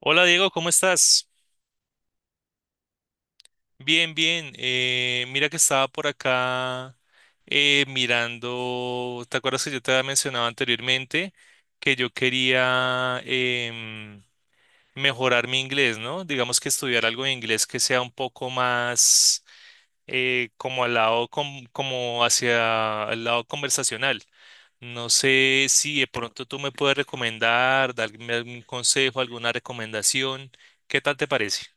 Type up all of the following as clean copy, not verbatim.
Hola Diego, ¿cómo estás? Bien, bien. Mira que estaba por acá mirando. ¿Te acuerdas que yo te había mencionado anteriormente que yo quería mejorar mi inglés? ¿No? Digamos que estudiar algo de inglés que sea un poco más como al lado, como hacia el lado conversacional. No sé si de pronto tú me puedes recomendar, darme algún consejo, alguna recomendación. ¿Qué tal te parece?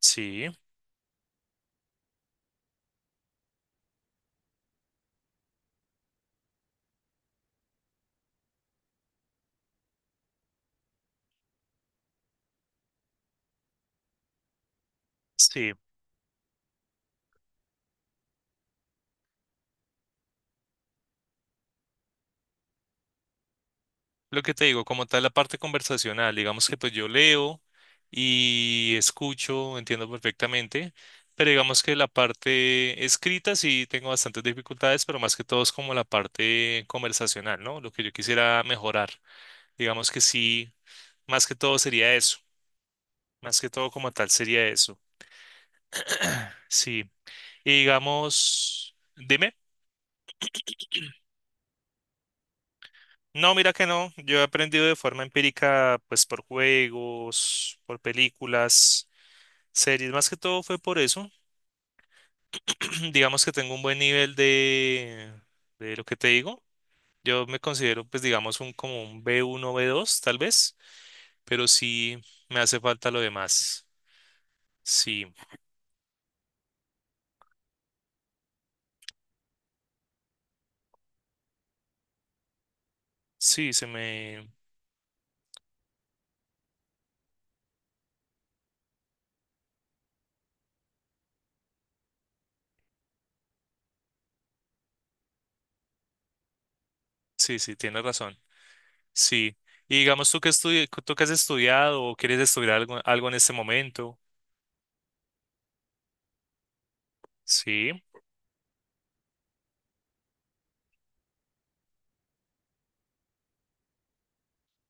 Sí. Sí, lo que te digo, como tal la parte conversacional, digamos que pues yo leo y escucho, entiendo perfectamente, pero digamos que la parte escrita sí tengo bastantes dificultades, pero más que todo es como la parte conversacional, ¿no? Lo que yo quisiera mejorar, digamos que sí, más que todo sería eso, más que todo como tal sería eso, sí. Y digamos, dime. No, mira que no, yo he aprendido de forma empírica, pues por juegos, por películas. Series, más que todo fue por eso. Digamos que tengo un buen nivel de lo que te digo. Yo me considero, pues, digamos, un como un B1 B2 tal vez, pero sí me hace falta lo demás. Sí, sí, se me. Sí, sí, tienes razón. Sí. Y digamos, tú que has estudiado o quieres estudiar algo, algo en este momento. Sí,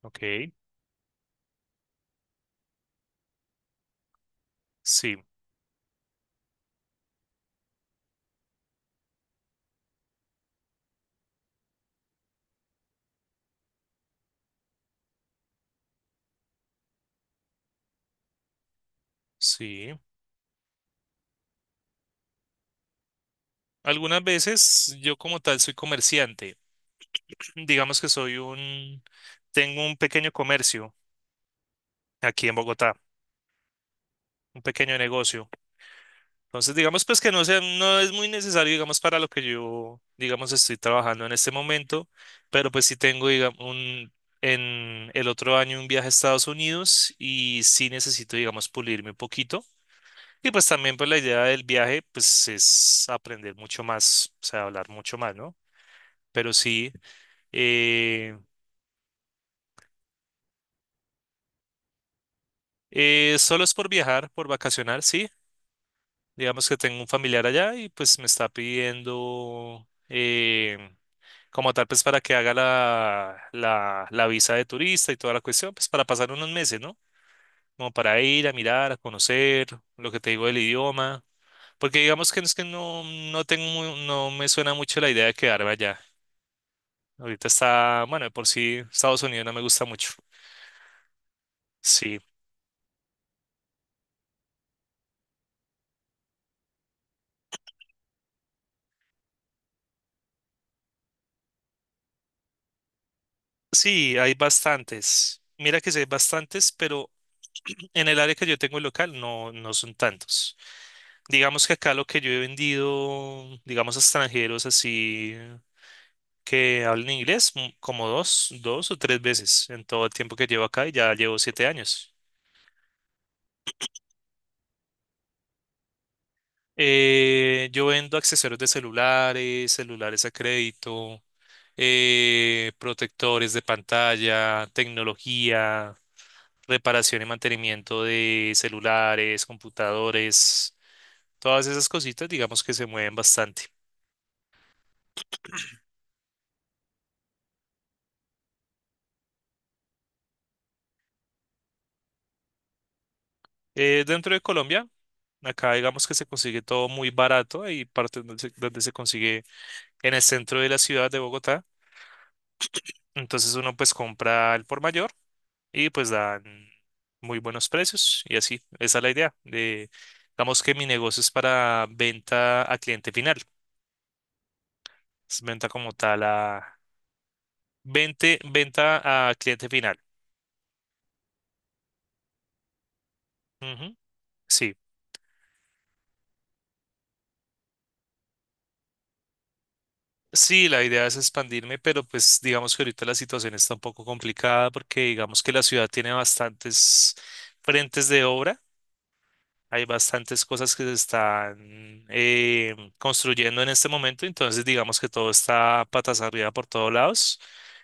ok. Sí, sí. Algunas veces yo como tal soy comerciante. Digamos que soy un, tengo un pequeño comercio aquí en Bogotá, un pequeño negocio. Entonces, digamos pues que no sea, no es muy necesario, digamos, para lo que yo, digamos, estoy trabajando en este momento, pero pues sí tengo, digamos, un, en el otro año un viaje a Estados Unidos y sí necesito, digamos, pulirme un poquito. Y pues también pues la idea del viaje pues es aprender mucho más, o sea, hablar mucho más, ¿no? Pero sí, eh, solo es por viajar, por vacacionar, sí. Digamos que tengo un familiar allá y pues me está pidiendo como tal pues para que haga la visa de turista y toda la cuestión, pues para pasar unos meses, ¿no? Como para ir a mirar, a conocer, lo que te digo del idioma, porque digamos que no es que no, no tengo, no me suena mucho la idea de quedarme allá. Ahorita está, bueno, de por sí Estados Unidos no me gusta mucho. Sí, sí, hay bastantes. Mira que sí hay bastantes, pero en el área que yo tengo local no, no son tantos. Digamos que acá lo que yo he vendido, digamos, a extranjeros así que hablen inglés, como 2 o 3 veces en todo el tiempo que llevo acá y ya llevo 7 años. Yo vendo accesorios de celulares, celulares a crédito, protectores de pantalla, tecnología, reparación y mantenimiento de celulares, computadores, todas esas cositas, digamos que se mueven bastante. Dentro de Colombia. Acá digamos que se consigue todo muy barato, hay partes donde se consigue en el centro de la ciudad de Bogotá. Entonces uno pues compra al por mayor y pues dan muy buenos precios y así, esa es la idea. De, digamos que mi negocio es para venta a cliente final, es venta como tal a venta a cliente final. Ujú, sí. Sí, la idea es expandirme, pero pues digamos que ahorita la situación está un poco complicada porque digamos que la ciudad tiene bastantes frentes de obra. Hay bastantes cosas que se están construyendo en este momento, entonces digamos que todo está patas arriba por todos lados.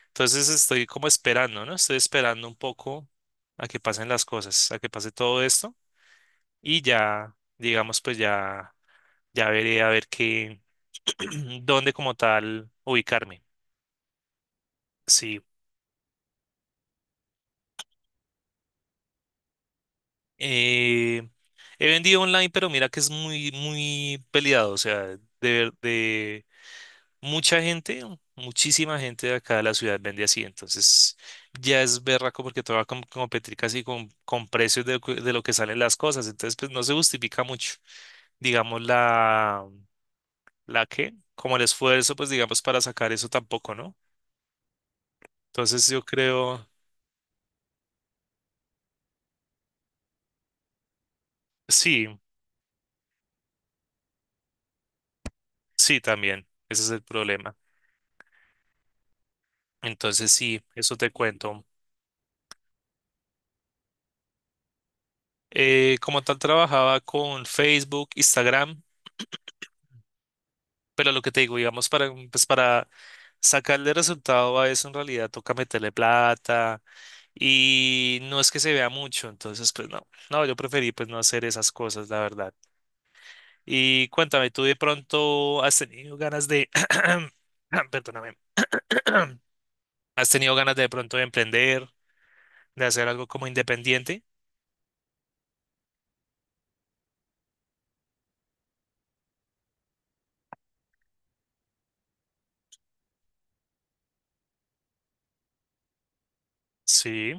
Entonces estoy como esperando, ¿no? Estoy esperando un poco a que pasen las cosas, a que pase todo esto y ya, digamos, pues ya, ya veré a ver qué, dónde como tal ubicarme. Sí. Eh, He vendido online, pero mira que es muy, muy peleado, o sea, de mucha gente, muchísima gente de acá de la ciudad vende así, entonces ya es berraco porque todo va a competir casi con precios de lo que salen las cosas, entonces pues no se justifica mucho, digamos la que, como el esfuerzo pues digamos para sacar eso tampoco, ¿no? Entonces yo creo, sí, sí también, ese es el problema, entonces sí, eso te cuento. Como tal trabajaba con Facebook, Instagram. Pero lo que te digo, digamos, para, pues para sacarle resultado a eso, en realidad toca meterle plata y no es que se vea mucho, entonces, pues no, no, yo preferí pues no hacer esas cosas, la verdad. Y cuéntame, ¿tú de pronto has tenido ganas de, ah, perdóname, has tenido ganas de pronto de emprender, de hacer algo como independiente? Sí,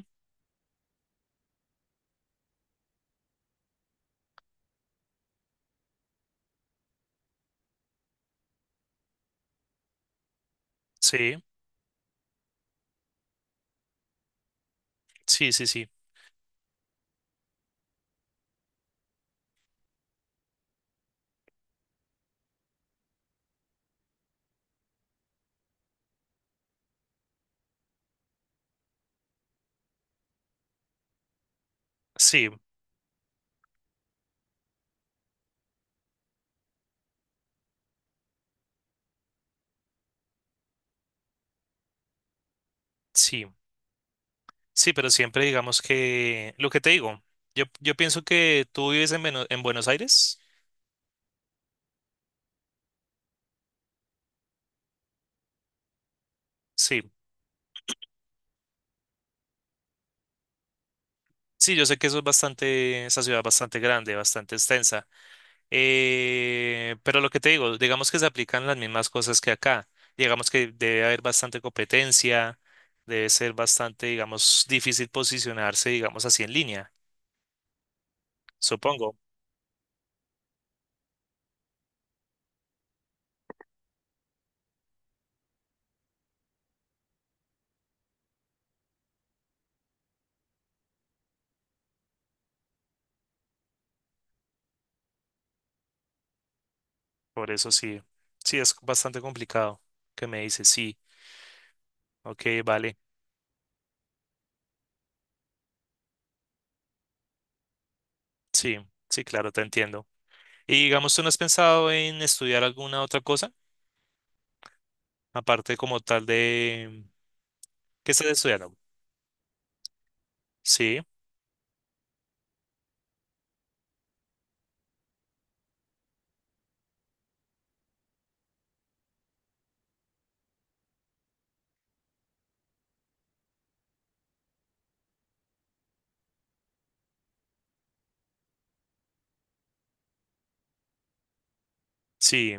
sí, sí, sí, sí, sí, sí. Sí, pero siempre digamos que lo que te digo, yo pienso que tú vives en, en Buenos Aires. Sí, sí, yo sé que eso es bastante, esa ciudad es bastante grande, bastante extensa. Pero lo que te digo, digamos que se aplican las mismas cosas que acá. Digamos que debe haber bastante competencia, debe ser bastante, digamos, difícil posicionarse, digamos así en línea, supongo. Por eso sí, sí, es bastante complicado que me dices, sí, ok, vale, sí, sí, claro, te entiendo. Y digamos, ¿tú no has pensado en estudiar alguna otra cosa? Aparte como tal de... ¿Qué estás estudiando? Sí, sí.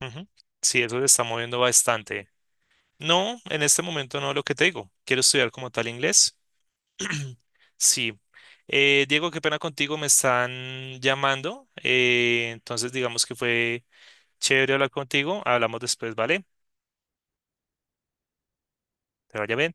Ujú. Sí, eso se está moviendo bastante. No, en este momento no lo que te digo. Quiero estudiar como tal inglés. Sí. Diego, qué pena contigo, me están llamando. Entonces, digamos que fue chévere hablar contigo. Hablamos después, ¿vale? Te vaya bien.